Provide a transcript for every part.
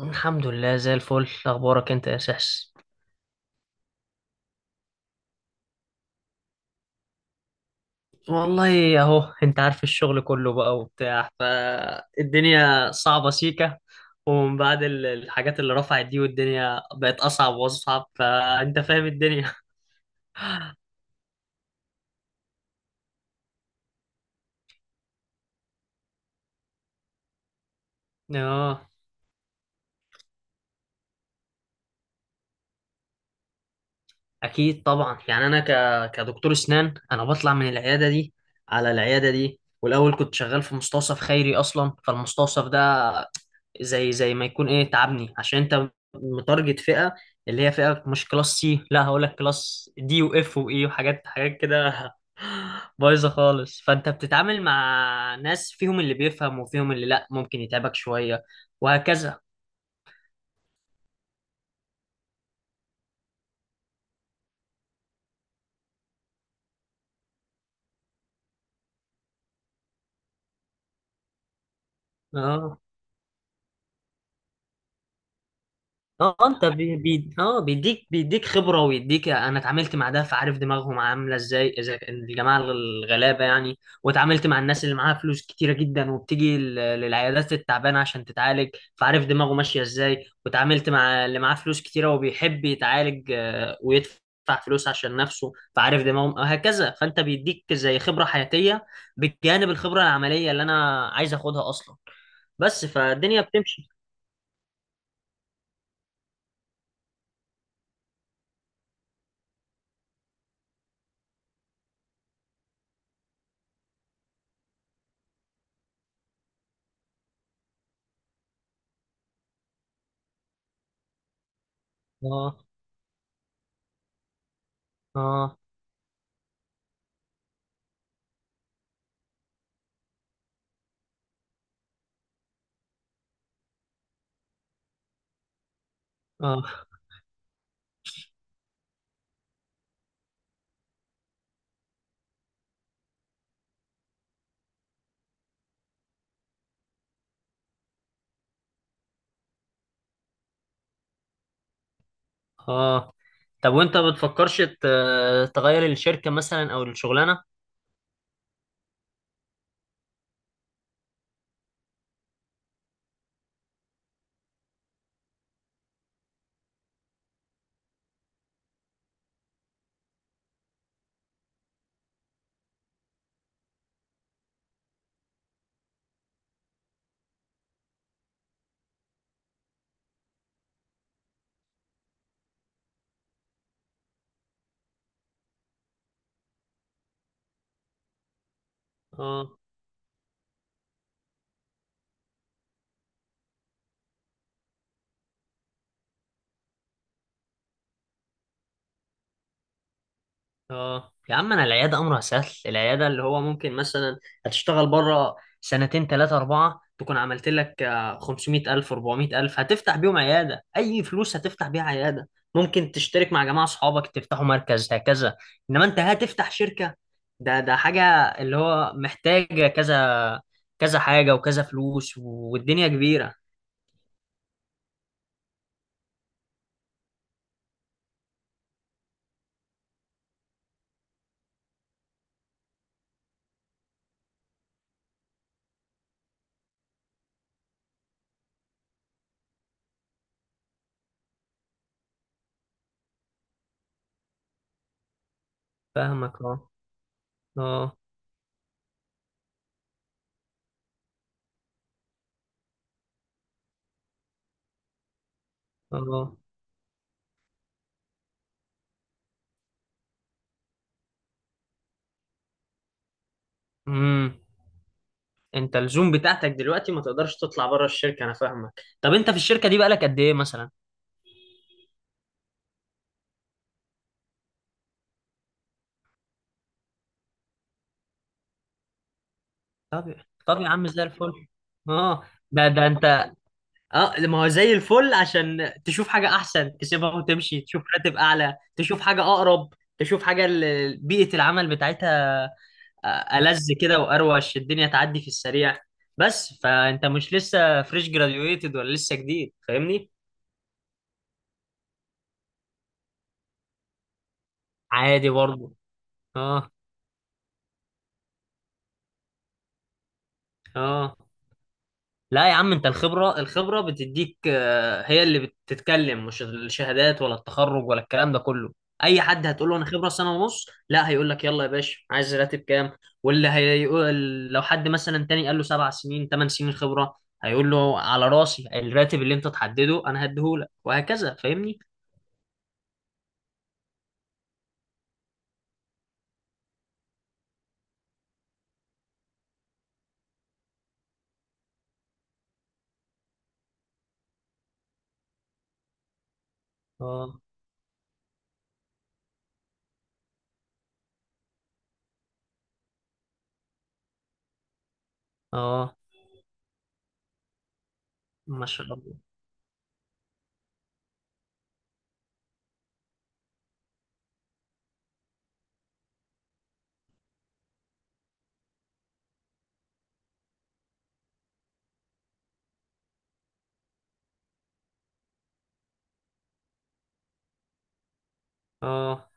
الحمد لله زي الفل. اخبارك انت يا سحس؟ والله اهو انت عارف، الشغل كله بقى وبتاع، فالدنيا صعبة سيكة. ومن بعد الحاجات اللي رفعت دي، والدنيا بقت اصعب واصعب، فانت فاهم الدنيا. اه. اكيد طبعا، يعني انا كدكتور اسنان، انا بطلع من العياده دي على العياده دي. والاول كنت شغال في مستوصف خيري اصلا، فالمستوصف ده زي ما يكون ايه تعبني، عشان انت متارجت فئه اللي هي فئه مش كلاس سي، لا هقول لك كلاس دي واف واي وحاجات حاجات كده. بايظه خالص، فانت بتتعامل مع ناس فيهم اللي بيفهم وفيهم اللي لا، ممكن يتعبك شويه وهكذا. اه، اه، انت بي... بي... اه بيديك بيديك خبره، ويديك، انا اتعاملت مع ده فعارف دماغهم عامله ازاي اذا كان الجماعه الغلابه يعني. واتعاملت مع الناس اللي معاها فلوس كتيره جدا، وبتيجي للعيادات التعبانه عشان تتعالج، فعارف دماغه ماشيه ازاي. واتعاملت مع اللي معاه فلوس كتيره وبيحب يتعالج، ويدفع فلوس عشان نفسه، فعارف دماغهم وهكذا. فانت بيديك زي خبره حياتيه بجانب الخبره العمليه اللي انا عايز اخدها اصلا. بس فالدنيا بتمشي. اه، اه، اه، اه، طب وانت بتفكرش تغير الشركة مثلا او الشغلانة؟ اه، اه، يا عم، انا العيادة امرها سهل. العيادة اللي هو ممكن مثلا هتشتغل بره سنتين تلاتة اربعة، تكون عملت لك 500 الف 400 الف، هتفتح بيهم عيادة. اي فلوس هتفتح بيها عيادة. ممكن تشترك مع جماعة اصحابك تفتحوا مركز هكذا. انما انت هتفتح شركة، ده حاجة اللي هو محتاجة كذا كذا حاجة وكذا فلوس، والدنيا كبيرة. فاهمك. اه، اه، اه، امم انت الزوم بتاعتك دلوقتي ما تقدرش تطلع بره الشركه، انا فاهمك. طب انت في الشركه دي بقالك قد ايه مثلا؟ طب طب يا عم زي الفل. اه، ده انت. اه، ما هو زي الفل، عشان تشوف حاجه احسن تسيبها وتمشي، تشوف راتب اعلى، تشوف حاجه اقرب، تشوف حاجه بيئه العمل بتاعتها ألذ كده، واروش الدنيا تعدي في السريع. بس فانت مش لسه فريش جراديويتد، ولا لسه جديد، فاهمني. عادي برضه. اه، اه، لا يا عم، انت الخبرة بتديك، هي اللي بتتكلم، مش الشهادات ولا التخرج ولا الكلام ده كله. اي حد هتقول له انا خبرة سنة ونص، لا، هيقول لك يلا يا باشا، عايز راتب كام؟ واللي هيقول، لو حد مثلا تاني قال له 7 سنين 8 سنين خبرة، هيقول له على راسي، الراتب اللي انت تحدده انا هديهولك، وهكذا فاهمني. اه، اه، ما شاء الله. اه،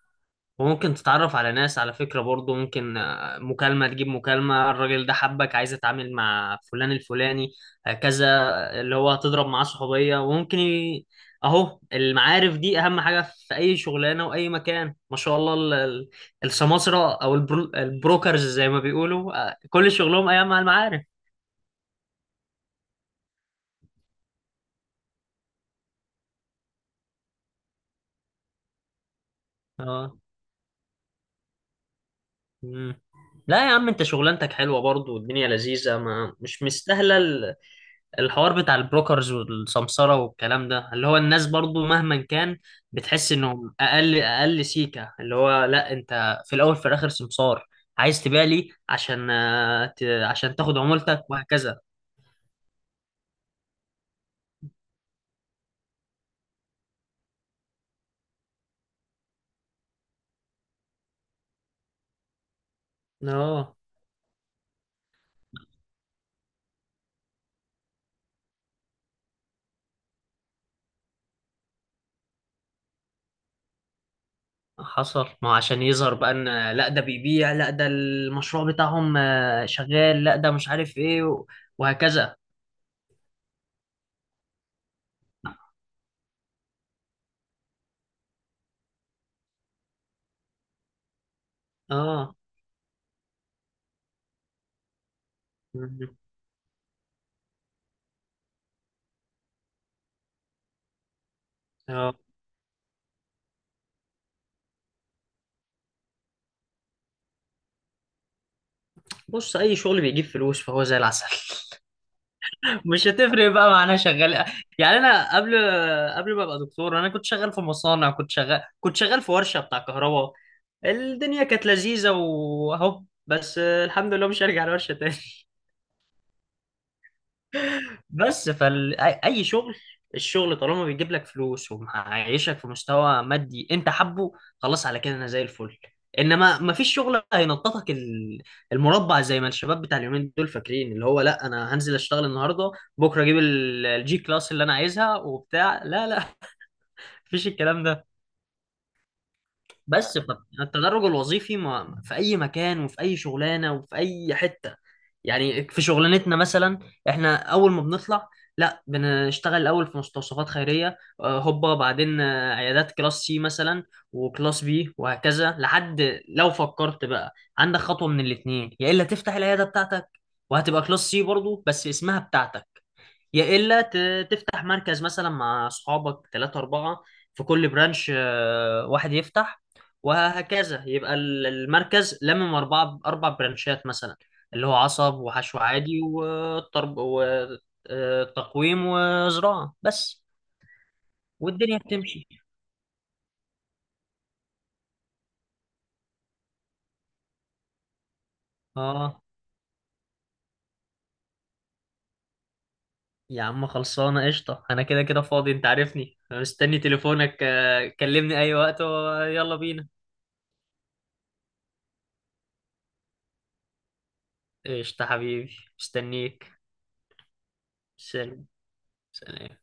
وممكن تتعرف على ناس، على فكرة برضو، ممكن مكالمة تجيب مكالمة، الراجل ده حبك عايز اتعامل مع فلان الفلاني هكذا، اللي هو هتضرب معاه صحوبية وممكن اهو المعارف دي اهم حاجة في اي شغلانة واي مكان ما شاء الله. السماسرة او البروكرز زي ما بيقولوا، كل شغلهم ايام مع المعارف. اه. مم. لا يا عم، انت شغلانتك حلوة برضو، والدنيا لذيذة، ما مش مستاهلة الحوار بتاع البروكرز والسمسرة والكلام ده. اللي هو الناس برضو مهما كان بتحس انهم اقل اقل سيكة، اللي هو لا، انت في الاول في الاخر سمسار، عايز تبيع لي عشان عشان تاخد عمولتك وهكذا. اه، حصل، ما هو عشان يظهر بقى، ان لا ده بيبيع، لا ده المشروع بتاعهم شغال، لا ده مش عارف ايه وهكذا. اه. مهم. اه، بص، اي شغل بيجيب فلوس فهو زي العسل، مش هتفرق بقى معانا شغال. يعني انا قبل ما ابقى دكتور، انا كنت شغال في مصانع، كنت شغال في ورشة بتاع كهرباء. الدنيا كانت لذيذة واهو، بس الحمد لله مش هرجع الورشة تاني. بس فأي شغل، الشغل طالما بيجيب لك فلوس ومعيشك في مستوى مادي انت حبه، خلاص، على كده انا زي الفل. انما ما فيش شغل هينططك المربع، زي ما الشباب بتاع اليومين دول فاكرين، اللي هو لا، انا هنزل اشتغل النهارده بكره اجيب الجي كلاس اللي انا عايزها وبتاع. لا، لا. مفيش الكلام ده. بس فالتدرج الوظيفي ما في، اي مكان، وفي اي شغلانه، وفي اي حته. يعني في شغلانتنا مثلا، احنا اول ما بنطلع، لا بنشتغل الاول في مستوصفات خيريه، هوبا بعدين عيادات كلاس سي مثلا، وكلاس بي وهكذا. لحد لو فكرت بقى، عندك خطوه من الاثنين: يا الا تفتح العياده بتاعتك، وهتبقى كلاس سي برضو بس اسمها بتاعتك، يا الا تفتح مركز مثلا مع اصحابك ثلاثة أربعة، في كل برانش واحد يفتح، وهكذا يبقى المركز أربع برانشات مثلا، اللي هو عصب وحشو عادي وطرب وتقويم وزراعة بس. والدنيا بتمشي. اه، يا عم، خلصانة قشطة، أنا كده كده فاضي. أنت عارفني مستني تليفونك، كلمني أي وقت ويلا بينا. قشطة حبيبي مستنيك. سلام. سلام.